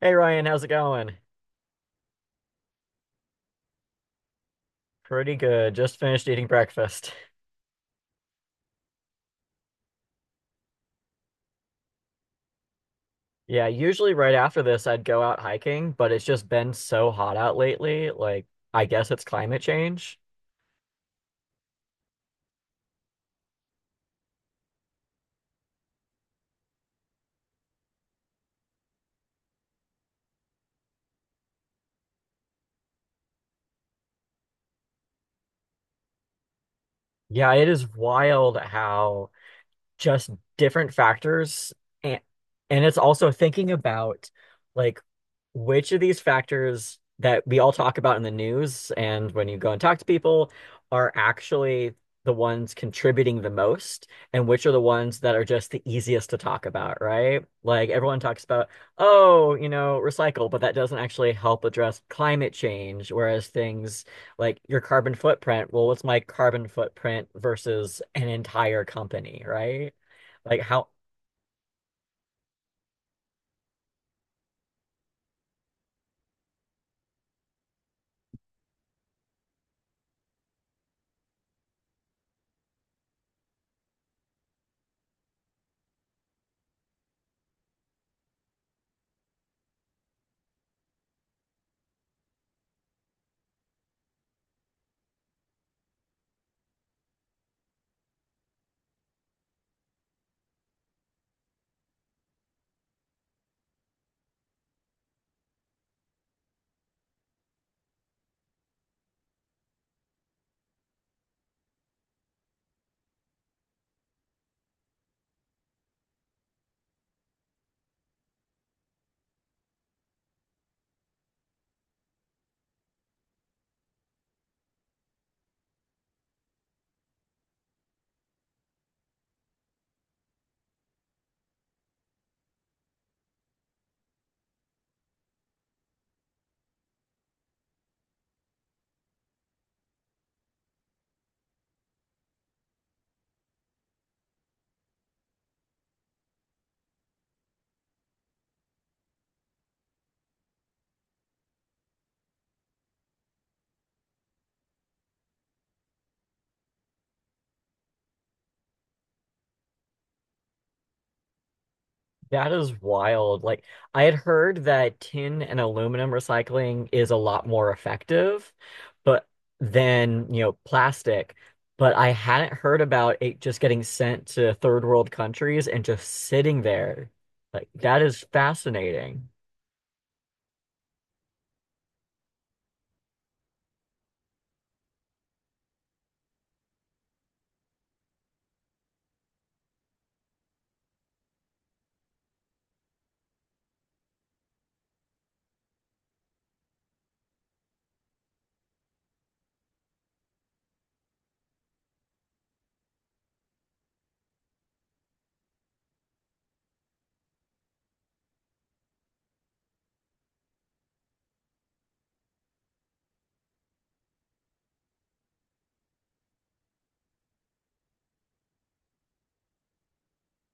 Hey Ryan, how's it going? Pretty good. Just finished eating breakfast. Yeah, usually right after this I'd go out hiking, but it's just been so hot out lately. Like, I guess it's climate change. Yeah, it is wild how just different factors and and it's also thinking about like which of these factors that we all talk about in the news and when you go and talk to people are actually the ones contributing the most and which are the ones that are just the easiest to talk about, right? Like everyone talks about, oh, recycle, but that doesn't actually help address climate change, whereas things like your carbon footprint. Well, what's my carbon footprint versus an entire company, right? Like how that is wild. Like I had heard that tin and aluminum recycling is a lot more effective, but than, plastic. But I hadn't heard about it just getting sent to third world countries and just sitting there. Like that is fascinating.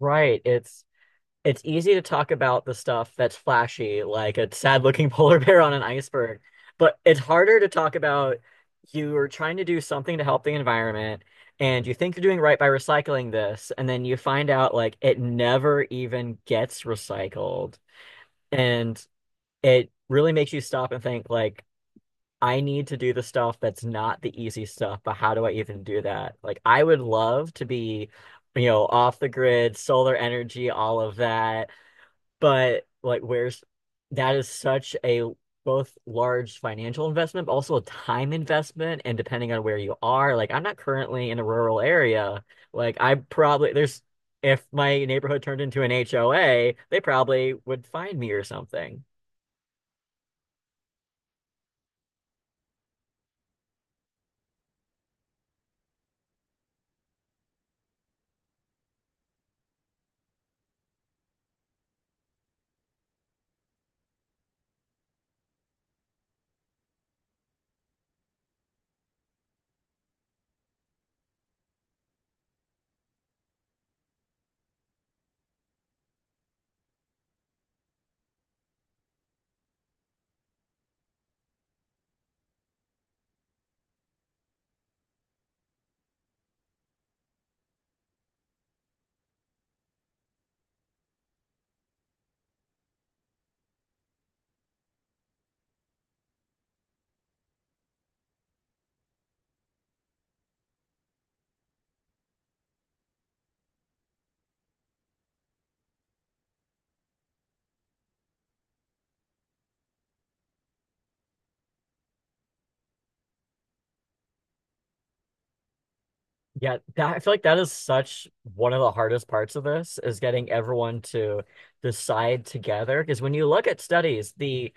Right. It's easy to talk about the stuff that's flashy, like a sad looking polar bear on an iceberg, but it's harder to talk about you are trying to do something to help the environment and you think you're doing right by recycling this, and then you find out like it never even gets recycled. And it really makes you stop and think like I need to do the stuff that's not the easy stuff, but how do I even do that? Like I would love to be, you know, off the grid, solar energy, all of that but like, where's that is such a both large financial investment, but also a time investment. And depending on where you are, like, I'm not currently in a rural area. Like, I probably there's if my neighborhood turned into an HOA, they probably would find me or something. Yeah, that, I feel like that is such one of the hardest parts of this is getting everyone to decide together. Because when you look at studies, the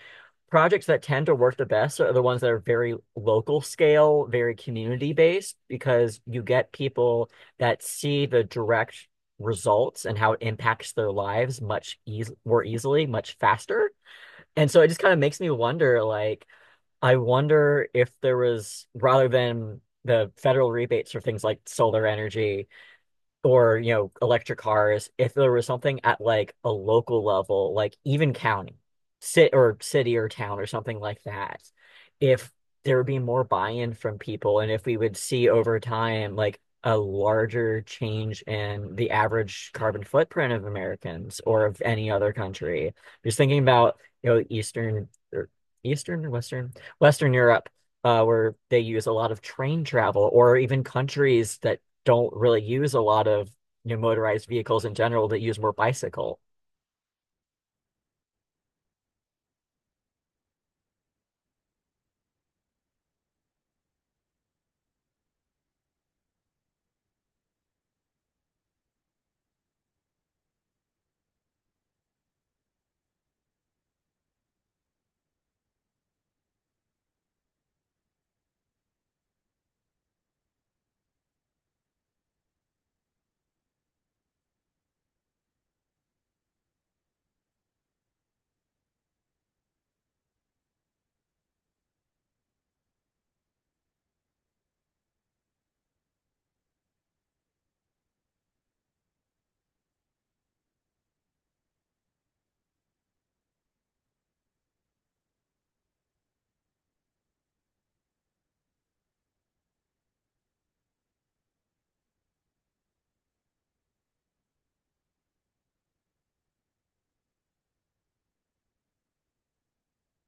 projects that tend to work the best are the ones that are very local scale, very community based, because you get people that see the direct results and how it impacts their lives much eas more easily, much faster. And so it just kind of makes me wonder, like, I wonder if there was, rather than the federal rebates for things like solar energy, or you know electric cars if there was something at like a local level like even county sit or city or town or something like that if there would be more buy-in from people and if we would see over time like a larger change in the average carbon footprint of Americans or of any other country just thinking about you know Eastern or Eastern or Western Western Europe where they use a lot of train travel or even countries that don't really use a lot of you know, motorized vehicles in general that use more bicycle.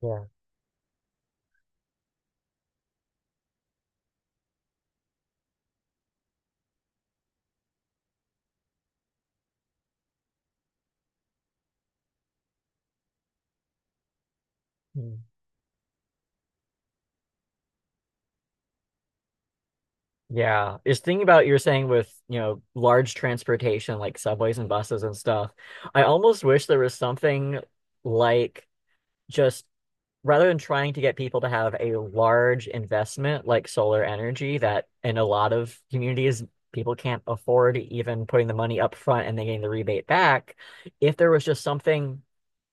Yeah. Mm. Yeah, just thinking about you're saying with, you know, large transportation like subways and buses and stuff. I almost wish there was something like just rather than trying to get people to have a large investment like solar energy that in a lot of communities people can't afford even putting the money up front and then getting the rebate back, if there was just something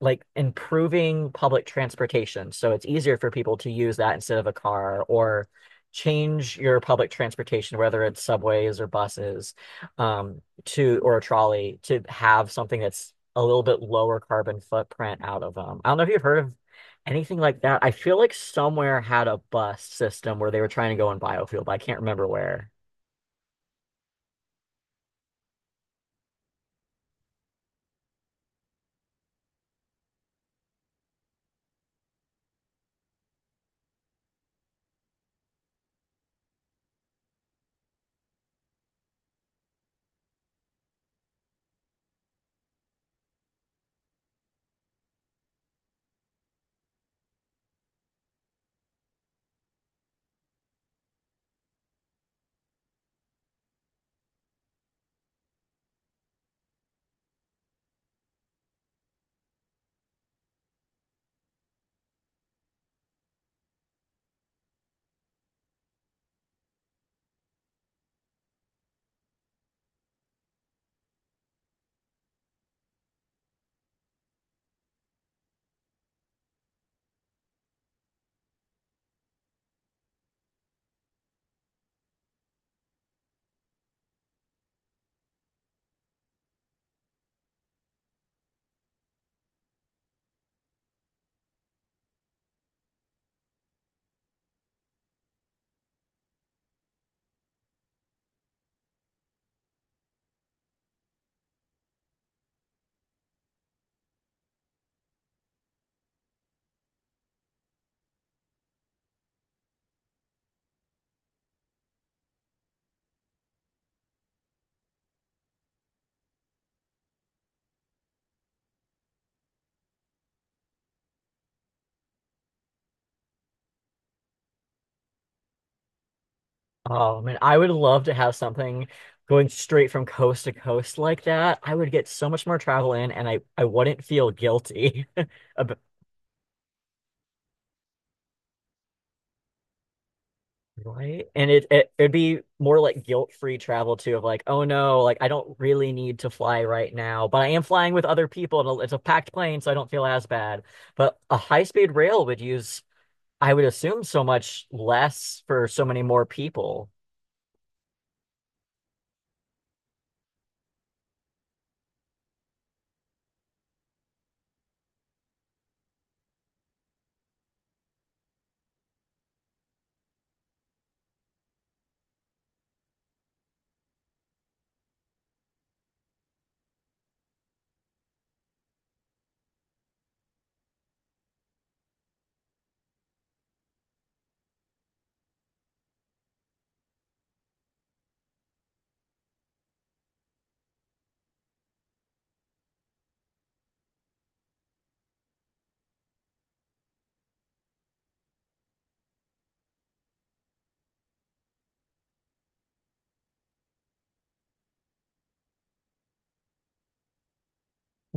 like improving public transportation so it's easier for people to use that instead of a car or change your public transportation whether it's subways or buses um, to or a trolley to have something that's a little bit lower carbon footprint out of them. I don't know if you've heard of anything like that. I feel like somewhere had a bus system where they were trying to go in biofuel, but I can't remember where. Oh man, I would love to have something going straight from coast to coast like that. I would get so much more travel in and I wouldn't feel guilty about Right. And it it'd be more like guilt-free travel too of like, oh no, like I don't really need to fly right now, but I am flying with other people and it's a packed plane, so I don't feel as bad. But a high-speed rail would use I would assume so much less for so many more people,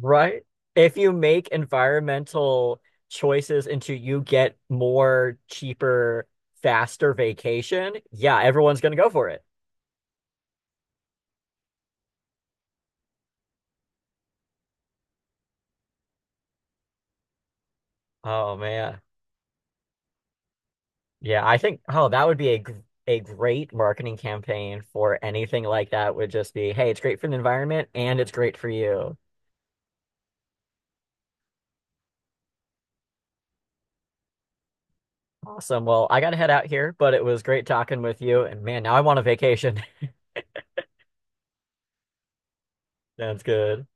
right? If you make environmental choices into you get more cheaper, faster vacation, yeah, everyone's gonna go for it. Oh man. Yeah, I think oh that would be a great marketing campaign for anything like that would just be, hey, it's great for the environment and it's great for you. Awesome. Well, I gotta head out here, but it was great talking with you. And man, now I want a vacation. Sounds good.